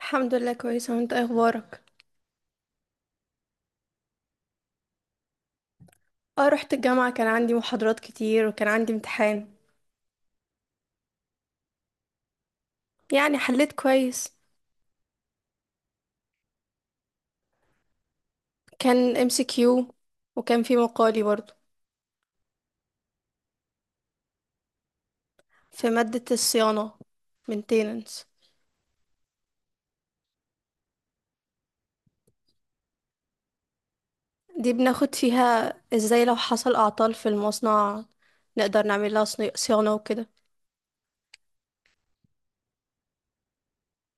الحمد لله، كويسة. وانت ايه اخبارك؟ اه، رحت الجامعة، كان عندي محاضرات كتير وكان عندي امتحان. يعني حليت كويس. كان ام سي كيو، وكان في مقالي برضو. في مادة الصيانة، maintenance. دي بناخد فيها ازاي لو حصل اعطال في المصنع نقدر نعمل لها صيانة وكده.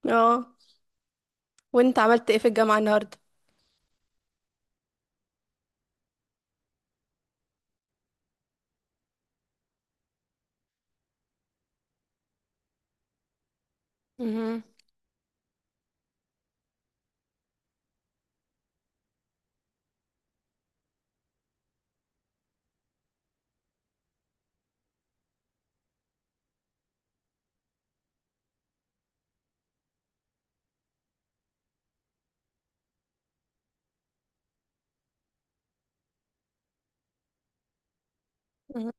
اه. وانت عملت ايه في الجامعة النهاردة؟ مهم. مهم.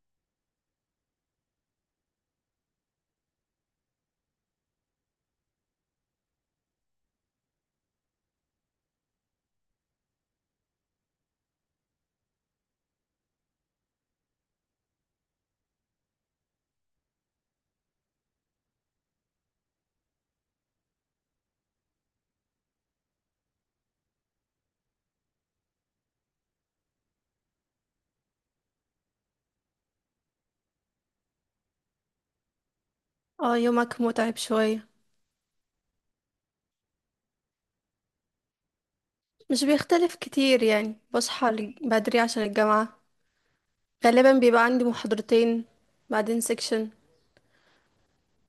اه، يومك متعب شوية. مش بيختلف كتير يعني، بصحى بدري عشان الجامعة، غالبا بيبقى عندي محاضرتين بعدين سيكشن.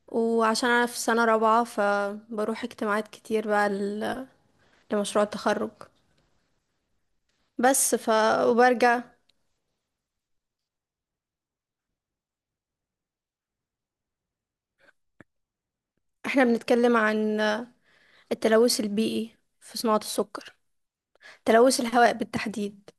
وعشان انا في سنة رابعة فبروح اجتماعات كتير بقى لمشروع التخرج. بس ف وبرجع. احنا بنتكلم عن التلوث البيئي في صناعة السكر، تلوث الهواء بالتحديد.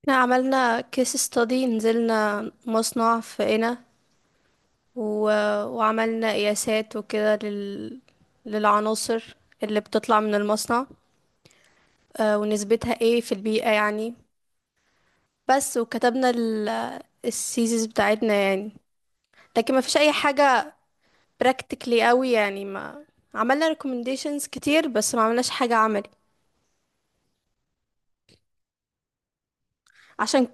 احنا عملنا كيس ستادي، نزلنا مصنع في قنا، و... وعملنا قياسات وكده للعناصر اللي بتطلع من المصنع، ونسبتها ايه في البيئة يعني. بس، وكتبنا السيزيز بتاعتنا يعني. لكن ما فيش اي حاجة practically قوي يعني. ما عملنا recommendations كتير بس ما عملناش حاجة عملي. عشان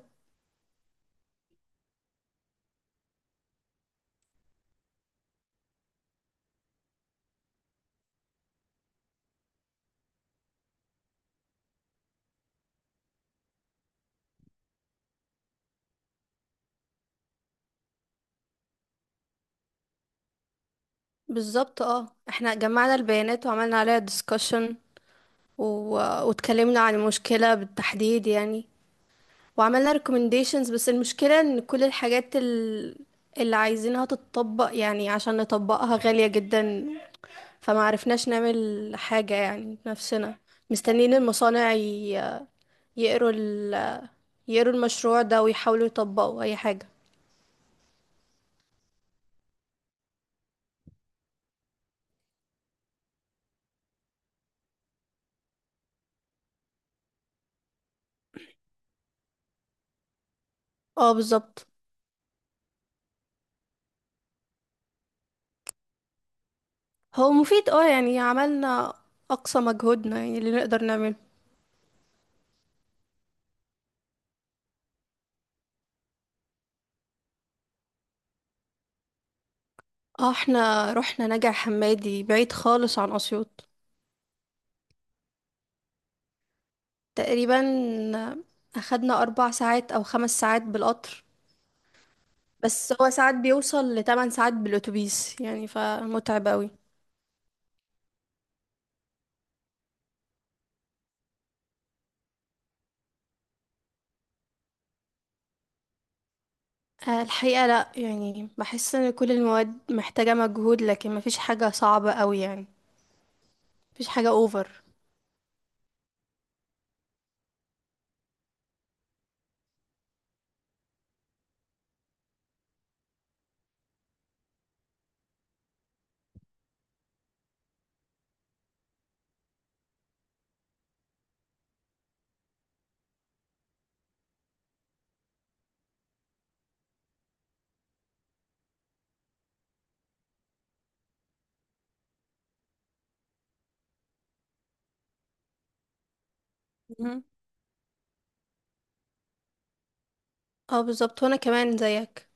بالظبط. اه، احنا جمعنا البيانات وعملنا عليها discussion، و... واتكلمنا عن المشكلة بالتحديد يعني. وعملنا recommendations، بس المشكلة ان كل الحاجات اللي عايزينها تتطبق يعني، عشان نطبقها غالية جدا. فما عرفناش نعمل حاجة يعني بنفسنا. مستنيين المصانع يقروا يقروا المشروع ده ويحاولوا يطبقوا أي حاجة. اه، بالظبط. هو مفيد، اه يعني عملنا أقصى مجهودنا يعني اللي نقدر نعمله. اه، احنا رحنا نجع حمادي، بعيد خالص عن أسيوط. تقريبا أخدنا 4 ساعات أو 5 ساعات بالقطر. بس هو ساعات بيوصل لتمن ساعات بالأتوبيس يعني، فمتعب أوي. الحقيقة لا يعني، بحس ان كل المواد محتاجة مجهود، لكن مفيش حاجة صعبة قوي يعني. مفيش حاجة اوفر. مهم. اه، بالظبط. وانا كمان زيك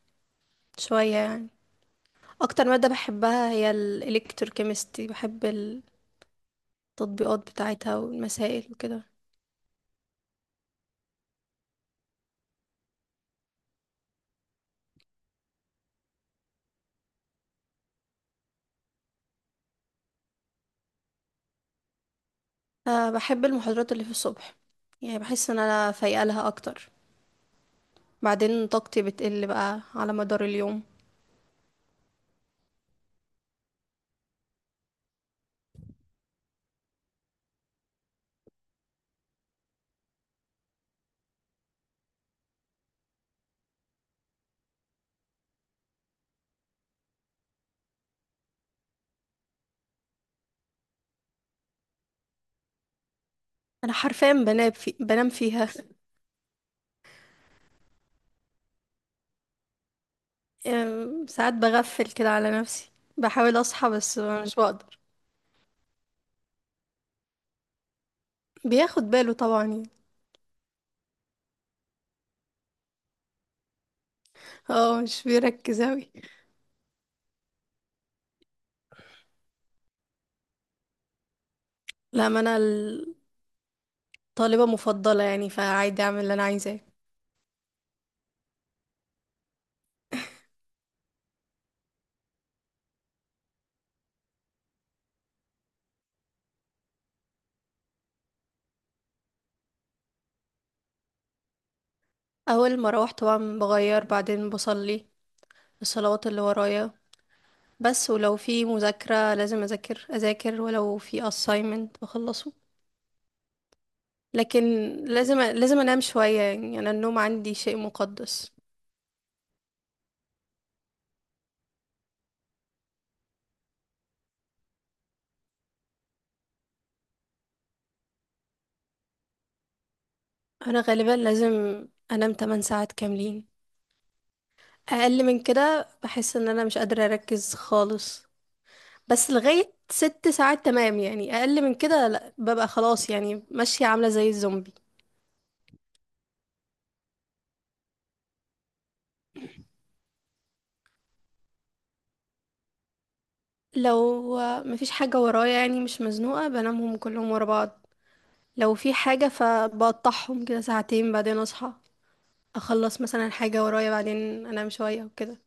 شوية يعني. اكتر مادة بحبها هي الالكتروكيمستري، بحب التطبيقات بتاعتها والمسائل وكده. أه، بحب المحاضرات اللي في الصبح. يعني بحس ان انا فايقة لها اكتر، بعدين طاقتي بتقل بقى على مدار اليوم. انا حرفيا بنام فيها ساعات بغفل كده على نفسي، بحاول اصحى بس مش بقدر. بياخد باله طبعا يعني. اه، مش بيركز اوي. لا، ما انا الطالبة مفضلة يعني، فعادي اعمل اللي انا عايزاه. اول ما اروح طبعا بغير، بعدين بصلي الصلوات اللي ورايا. بس ولو في مذاكرة لازم اذاكر اذاكر، ولو في assignment بخلصه. لكن لازم لازم انام شوية يعني، انا النوم عندي شيء مقدس. انا غالبا لازم انام 8 ساعات كاملين، اقل من كده بحس ان انا مش قادرة اركز خالص. بس لغاية 6 ساعات تمام يعني، اقل من كده لا، ببقى خلاص يعني ماشية عاملة زي الزومبي. لو مفيش حاجة ورايا يعني مش مزنوقة، بنامهم كلهم ورا بعض. لو في حاجة فبقطعهم كده ساعتين، بعدين اصحى اخلص مثلا حاجة ورايا، بعدين انام شوية وكده.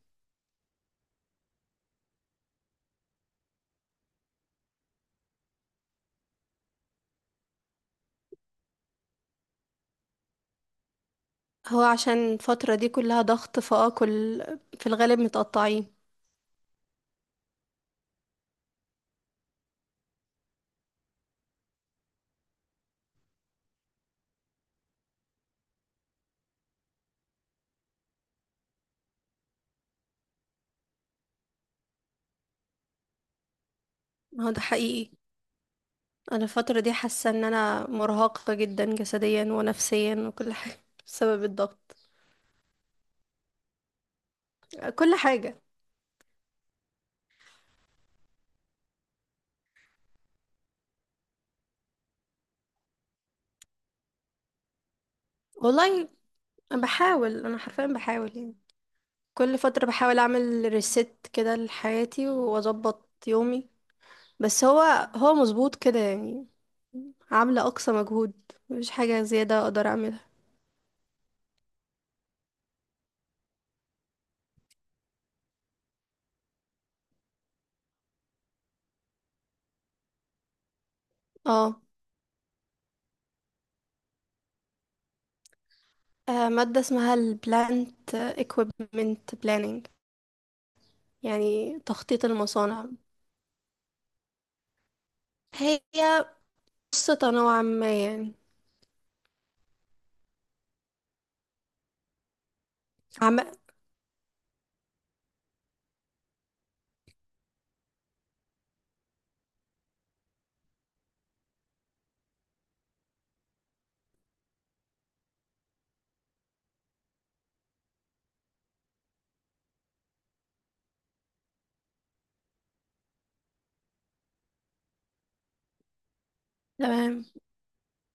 هو عشان الفترة دي كلها ضغط، فاه كل في الغالب متقطعين. هو ده حقيقي، انا الفتره دي حاسه ان انا مرهقه جدا جسديا ونفسيا وكل حاجه بسبب الضغط. كل حاجه. والله أنا بحاول انا حرفيا بحاول يعني كل فتره بحاول اعمل ريست كده لحياتي واظبط يومي. بس هو مظبوط كده يعني. عامله اقصى مجهود، مفيش حاجه زياده اقدر اعملها. اه. ماده اسمها البلانت اكويبمنت بلاننج. يعني تخطيط المصانع، هي قصة نوعا ما يعني. تمام.